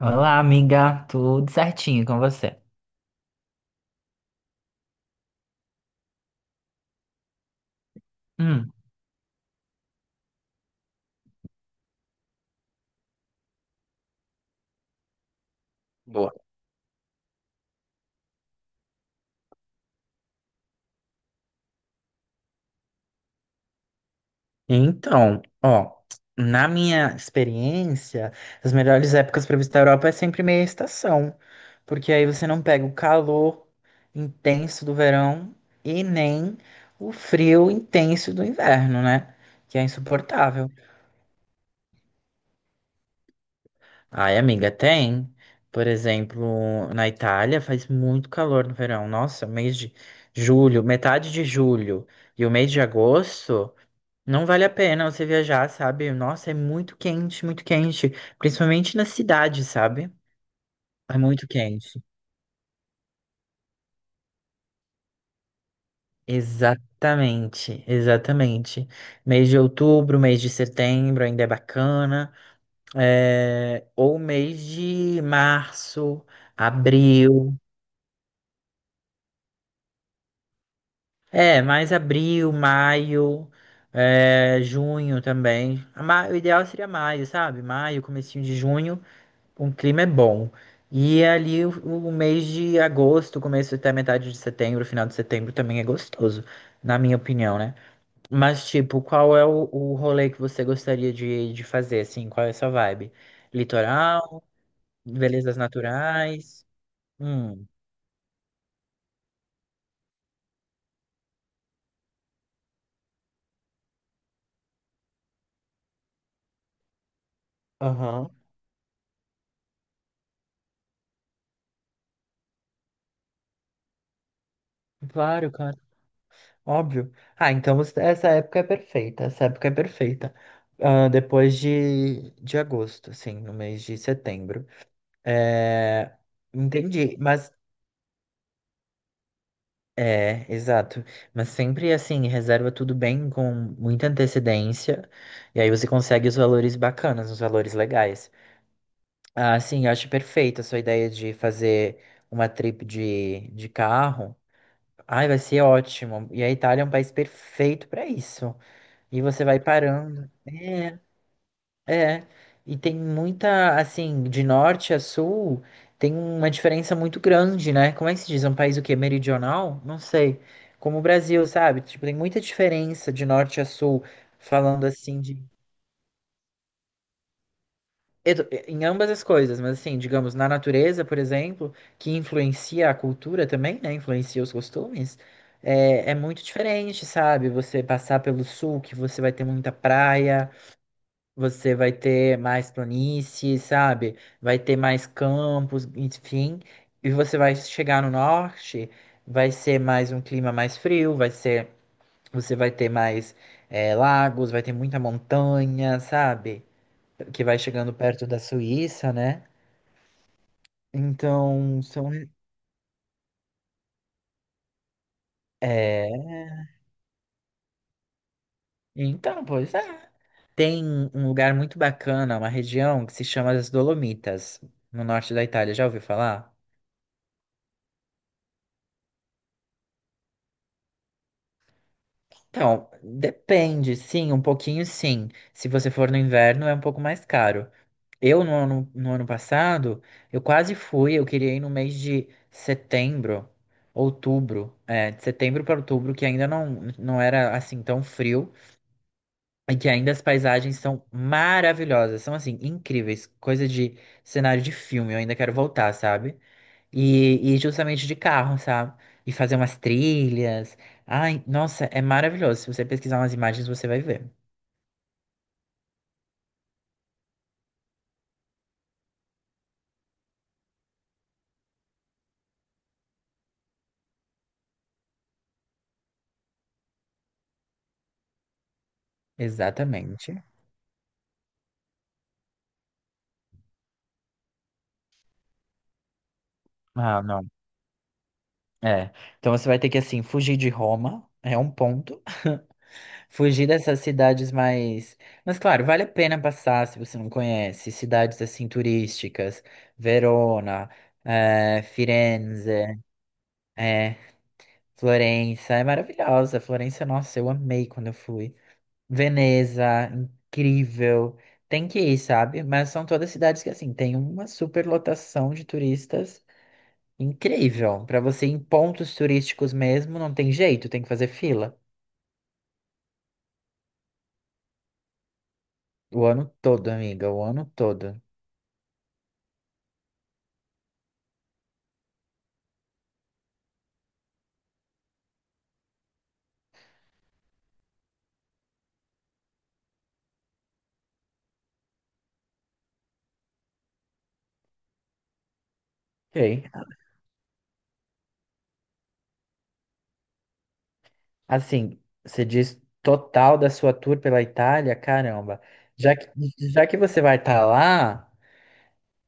Olá, amiga, tudo certinho com você? Hum. Boa. Então, ó, na minha experiência, as melhores épocas para visitar a Europa é sempre meia estação, porque aí você não pega o calor intenso do verão e nem o frio intenso do inverno, né? Que é insuportável. Ai, amiga, tem. Por exemplo, na Itália faz muito calor no verão. Nossa, mês de julho, metade de julho e o mês de agosto. Não vale a pena você viajar, sabe? Nossa, é muito quente, muito quente. Principalmente na cidade, sabe? É muito quente. Exatamente, exatamente. Mês de outubro, mês de setembro ainda é bacana. É, ou mês de março, abril. É, mais abril, maio, é, junho também. O ideal seria maio, sabe? Maio, comecinho de junho. Um clima é bom. E é ali o mês de agosto, começo até metade de setembro, final de setembro também é gostoso, na minha opinião, né? Mas, tipo, qual é o rolê que você gostaria de fazer, assim? Qual é a sua vibe? Litoral? Belezas naturais? Hum, aham. Claro, cara. Óbvio. Ah, então essa época é perfeita. Essa época é perfeita. Ah, depois de agosto, assim, no mês de setembro. É... Entendi, mas é, exato. Mas sempre assim, reserva tudo bem com muita antecedência. E aí você consegue os valores bacanas, os valores legais. Ah, sim, eu acho perfeita a sua ideia de fazer uma trip de carro. Ai, vai ser ótimo. E a Itália é um país perfeito para isso. E você vai parando. É. É, e tem muita, assim, de norte a sul, tem uma diferença muito grande, né? Como é que se diz? É um país o quê? Meridional? Não sei. Como o Brasil, sabe? Tipo, tem muita diferença de norte a sul, falando assim de. Eu. Em ambas as coisas, mas assim, digamos, na natureza, por exemplo, que influencia a cultura também, né? Influencia os costumes. É, é muito diferente, sabe? Você passar pelo sul, que você vai ter muita praia. Você vai ter mais planície, sabe? Vai ter mais campos, enfim. E você vai chegar no norte, vai ser mais um clima mais frio, vai ser, você vai ter mais lagos, vai ter muita montanha, sabe? Que vai chegando perto da Suíça, né? Então, são, é, então, pois é. Tem um lugar muito bacana, uma região que se chama as Dolomitas, no norte da Itália. Já ouviu falar? Então, depende, sim, um pouquinho sim. Se você for no inverno, é um pouco mais caro. Eu, no ano passado, eu quase fui, eu queria ir no mês de setembro, outubro, é, de setembro para outubro, que ainda não, não era assim tão frio, e que ainda as paisagens são maravilhosas, são assim, incríveis, coisa de cenário de filme, eu ainda quero voltar, sabe? E justamente de carro, sabe? E fazer umas trilhas. Ai, nossa, é maravilhoso. Se você pesquisar umas imagens, você vai ver. Exatamente. Ah, não. É. Então você vai ter que, assim, fugir de Roma, é um ponto. Fugir dessas cidades mais. Mas, claro, vale a pena passar se você não conhece. Cidades, assim, turísticas. Verona, Firenze, é, Florença. É maravilhosa. Florença, nossa, eu amei quando eu fui. Veneza, incrível. Tem que ir, sabe? Mas são todas cidades que, assim, tem uma superlotação de turistas incrível. Pra você ir em pontos turísticos mesmo, não tem jeito, tem que fazer fila. O ano todo, amiga, o ano todo. Ok. Assim, você diz total da sua tour pela Itália, caramba. Já que, já que você vai estar lá.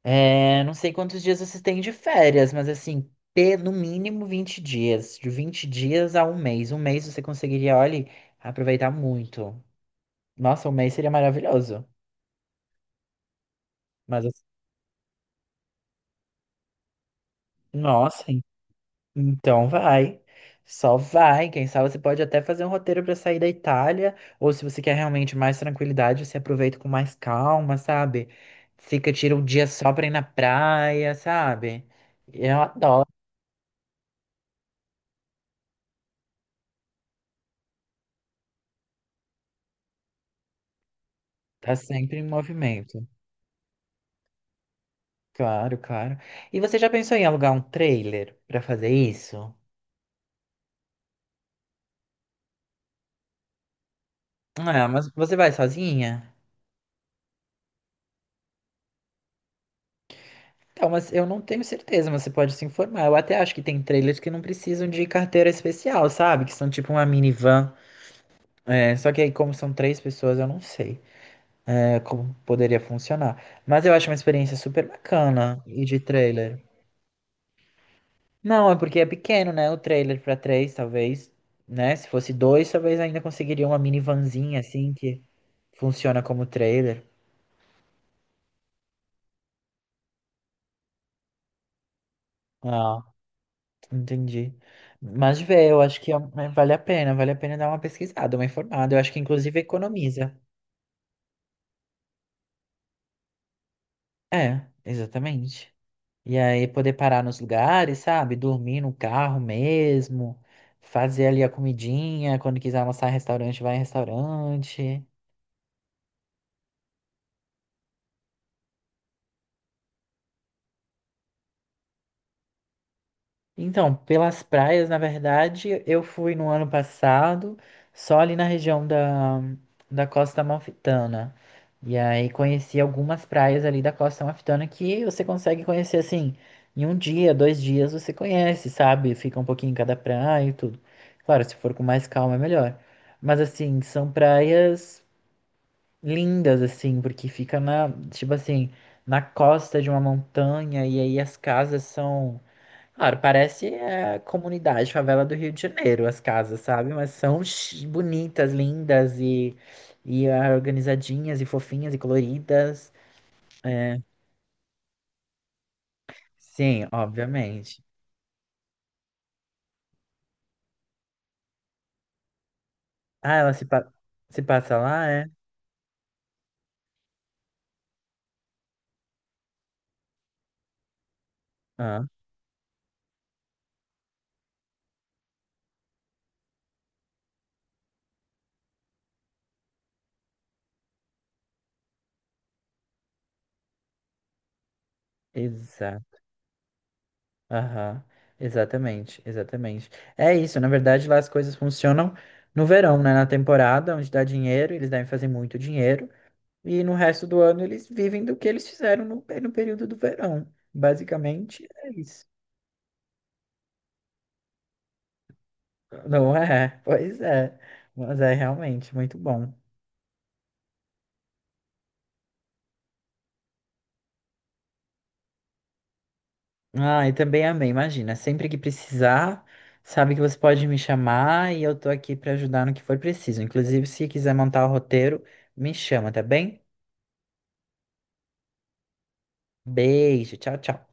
É, não sei quantos dias vocês têm de férias, mas assim, no mínimo 20 dias. De 20 dias a um mês. Um mês você conseguiria, olha, aproveitar muito. Nossa, um mês seria maravilhoso. Mas, assim, nossa, então vai. Só vai. Quem sabe você pode até fazer um roteiro para sair da Itália. Ou se você quer realmente mais tranquilidade, você aproveita com mais calma, sabe? Fica, tira um dia só pra ir na praia, sabe? Eu adoro. Tá sempre em movimento. Claro, claro. E você já pensou em alugar um trailer pra fazer isso? Ah, mas você vai sozinha? Então, mas eu não tenho certeza, mas você pode se informar. Eu até acho que tem trailers que não precisam de carteira especial, sabe? Que são tipo uma minivan. É, só que aí, como são três pessoas, eu não sei, é, como poderia funcionar. Mas eu acho uma experiência super bacana e de trailer. Não, é porque é pequeno, né? O trailer pra três, talvez, né? Se fosse dois, talvez ainda conseguiria uma minivanzinha assim que funciona como trailer. Ah, entendi. Mas vê, eu acho que vale a pena dar uma pesquisada, uma informada. Eu acho que inclusive economiza. É, exatamente. E aí poder parar nos lugares, sabe? Dormir no carro mesmo, fazer ali a comidinha, quando quiser almoçar em restaurante, vai em restaurante. Então, pelas praias, na verdade, eu fui no ano passado, só ali na região da, da Costa Amalfitana. E aí conheci algumas praias ali da Costa Amalfitana que você consegue conhecer assim, em um dia, 2 dias você conhece, sabe? Fica um pouquinho em cada praia e tudo. Claro, se for com mais calma é melhor. Mas assim, são praias lindas, assim, porque fica na, tipo assim, na costa de uma montanha, e aí as casas são claro, parece é, comunidade, favela do Rio de Janeiro, as casas, sabe? Mas são bonitas, lindas e ah, organizadinhas e fofinhas e coloridas. É, sim, obviamente. Ah, ela se passa lá, é? Ah, exato. Aham, exatamente, exatamente. É isso, na verdade, lá as coisas funcionam no verão, né? Na temporada, onde dá dinheiro, eles devem fazer muito dinheiro. E no resto do ano eles vivem do que eles fizeram no período do verão. Basicamente é isso. Não é? Pois é. Mas é realmente muito bom. Ah, e também amei. Imagina, sempre que precisar, sabe que você pode me chamar e eu tô aqui pra ajudar no que for preciso. Inclusive, se quiser montar o roteiro, me chama, tá bem? Beijo, tchau, tchau.